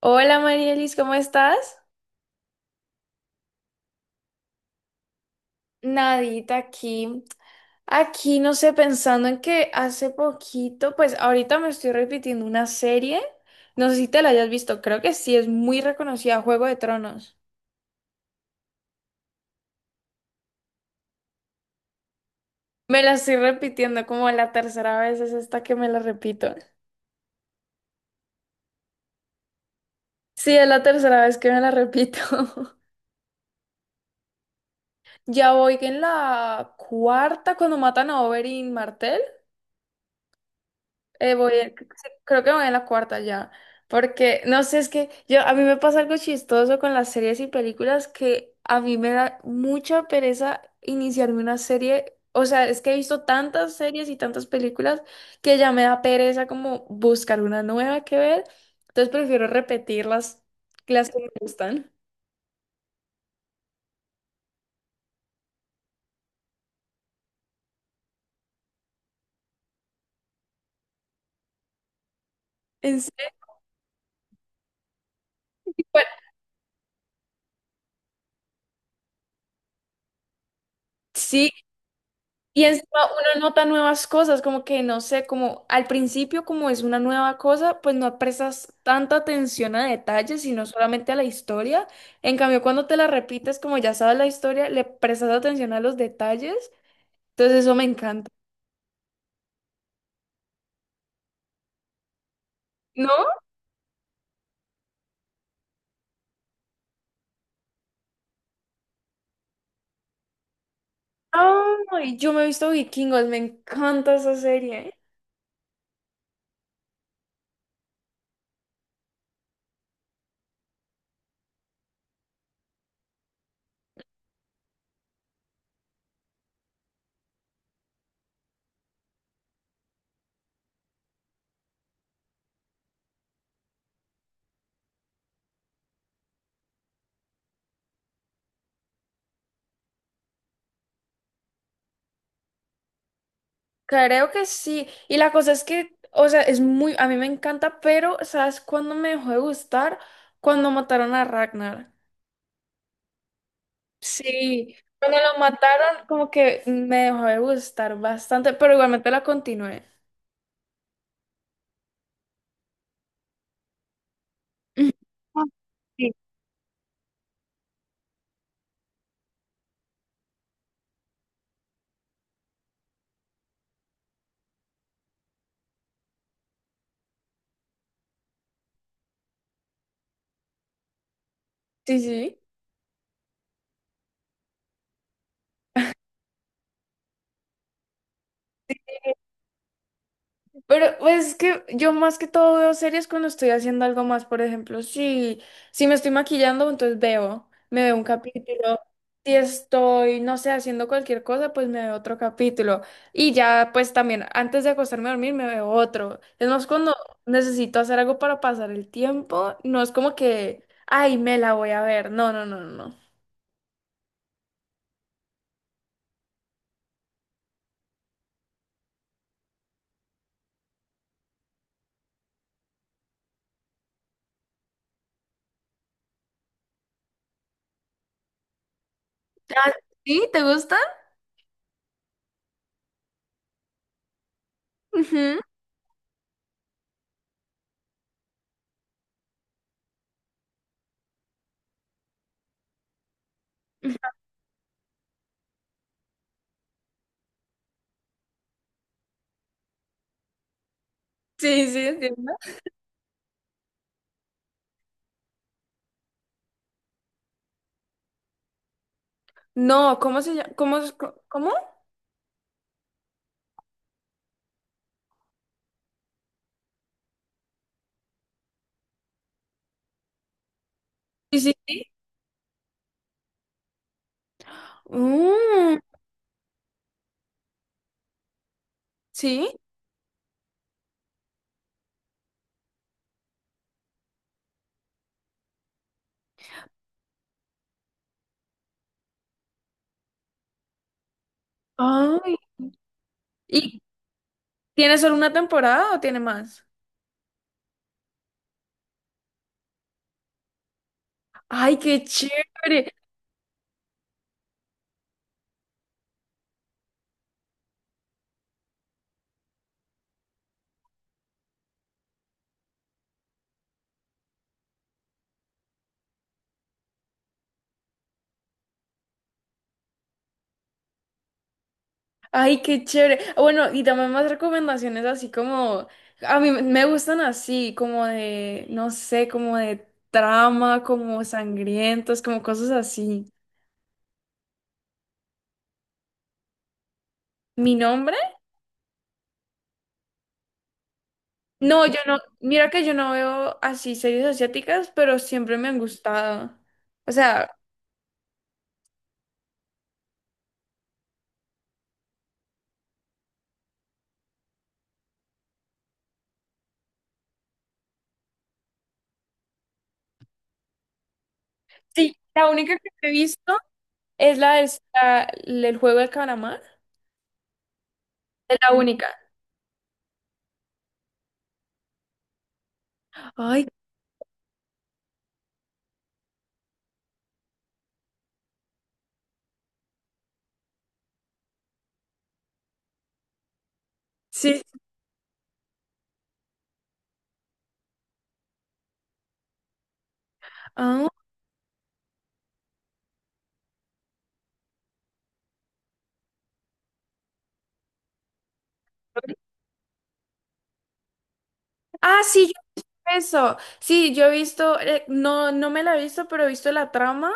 Hola Marielis, ¿cómo estás? Nadita aquí, aquí no sé, pensando en que hace poquito, pues ahorita me estoy repitiendo una serie, no sé si te la hayas visto, creo que sí, es muy reconocida, Juego de Tronos. Me la estoy repitiendo como la tercera vez, es esta que me la repito. Sí, es la tercera vez que me la repito. Ya voy en la cuarta cuando matan a Oberyn Martell. Sí, creo que voy en la cuarta ya, porque no sé, es que yo a mí me pasa algo chistoso con las series y películas que a mí me da mucha pereza iniciarme una serie, o sea, es que he visto tantas series y tantas películas que ya me da pereza como buscar una nueva que ver, entonces prefiero repetir las que me gustan. En serio, bueno, sí, y encima uno nota nuevas cosas, como que no sé, como al principio como es una nueva cosa, pues no prestas tanta atención a detalles, sino solamente a la historia. En cambio, cuando te la repites, como ya sabes la historia, le prestas atención a los detalles. Entonces eso me encanta. ¿No? Ay, yo me he visto Vikingos, me encanta esa serie. ¿Eh? Creo que sí. Y la cosa es que, o sea, es muy, a mí me encanta, pero ¿sabes cuándo me dejó de gustar? Cuando mataron a Ragnar. Sí, cuando lo mataron como que me dejó de gustar bastante, pero igualmente la continué. Ujú. Ah, sí. Sí, sí. Pero pues, es que yo más que todo veo series cuando estoy haciendo algo más, por ejemplo, si me estoy maquillando, entonces veo, me veo un capítulo. Si estoy, no sé, haciendo cualquier cosa, pues me veo otro capítulo. Y ya, pues también, antes de acostarme a dormir, me veo otro. Es más, cuando necesito hacer algo para pasar el tiempo, no es como que, ay, me la voy a ver. No, no, no, no. No. Ah, ¿sí? ¿Te gusta? Ujú. Sí, sí, entiendo. No, ¿cómo se llama? ¿Cómo? ¿Cómo? Sí, sí, sí. Mm. ¿Sí? Ay, ¿y tiene solo una temporada o tiene más? Ay, qué chévere. Ay, qué chévere. Bueno, y también más recomendaciones así como, a mí me gustan así, como de, no sé, como de trama, como sangrientos, como cosas así. ¿Mi nombre? No, yo no, mira que yo no veo así series asiáticas, pero siempre me han gustado. O sea, sí, la única que he visto es la del la- el juego del calamar. Es la única. Ay, sí. Ah, ah, sí, yo eso. Sí, yo he visto, no, no me la he visto, pero he visto la trama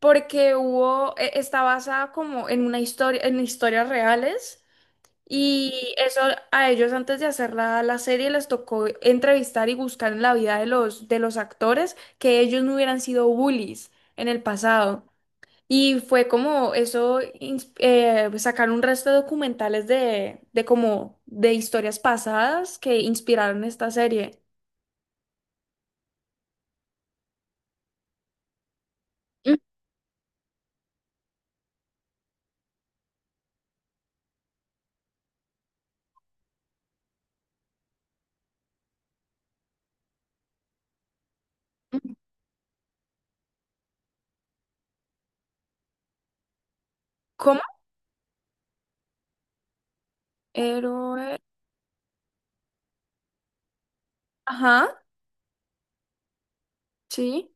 porque hubo, está basada como en una historia, en historias reales. Y eso a ellos antes de hacer la serie les tocó entrevistar y buscar en la vida de de los actores que ellos no hubieran sido bullies en el pasado. Y fue como eso, sacar un resto de documentales de como de historias pasadas que inspiraron esta serie. Mm, ¿cómo? Héroe. Ajá, sí.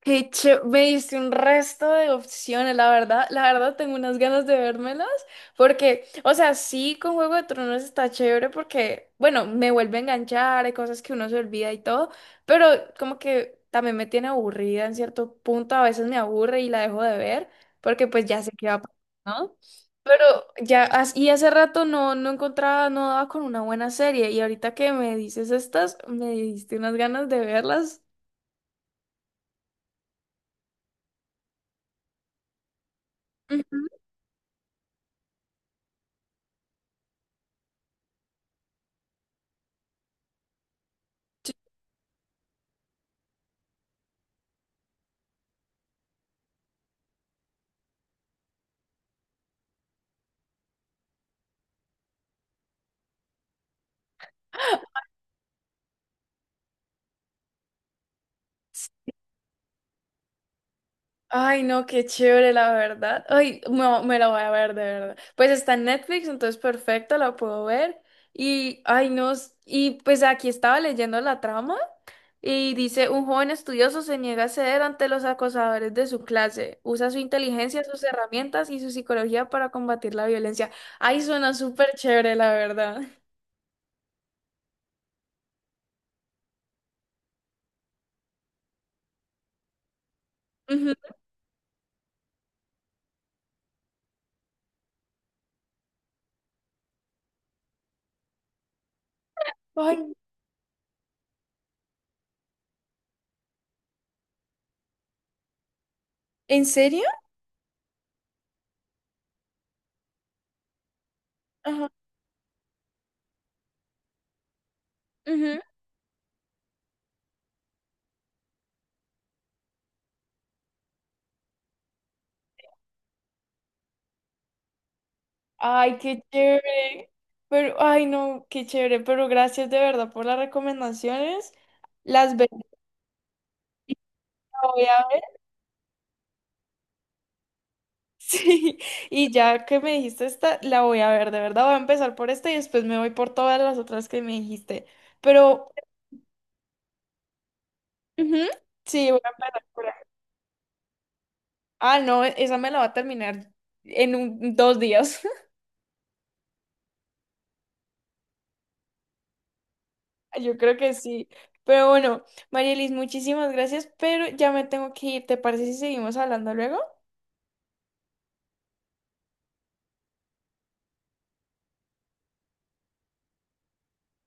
Me diste un resto de opciones, la verdad tengo unas ganas de vérmelas, porque, o sea, sí con Juego de Tronos está chévere porque, bueno, me vuelve a enganchar, hay cosas que uno se olvida y todo, pero como que también me tiene aburrida en cierto punto, a veces me aburre y la dejo de ver, porque pues ya sé qué va a pasar, ¿no? Pero ya, y hace rato no encontraba, no daba con una buena serie, y ahorita que me dices estas, me diste unas ganas de verlas. Ujú. Ay, no, qué chévere, la verdad. Ay, no, me la voy a ver, de verdad. Pues está en Netflix, entonces perfecto, la puedo ver. Y, ay, no, y pues aquí estaba leyendo la trama y dice, un joven estudioso se niega a ceder ante los acosadores de su clase. Usa su inteligencia, sus herramientas y su psicología para combatir la violencia. Ay, suena súper chévere, la verdad. Ujú. Ay, ¿en serio? Ajá. Ay, qué chévere. Pero, ay, no, qué chévere. Pero gracias de verdad por las recomendaciones. Las ve- la voy a ver. Sí, y ya que me dijiste esta, la voy a ver, de verdad. Voy a empezar por esta y después me voy por todas las otras que me dijiste. Pero, ujú, sí, voy a empezar por ahí. Ah, no, esa me la va a terminar en dos días. Yo creo que sí. Pero bueno, Marielis, muchísimas gracias, pero ya me tengo que ir. ¿Te parece si seguimos hablando luego?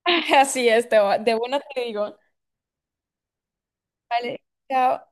Así es, te de una te digo. Vale, chao.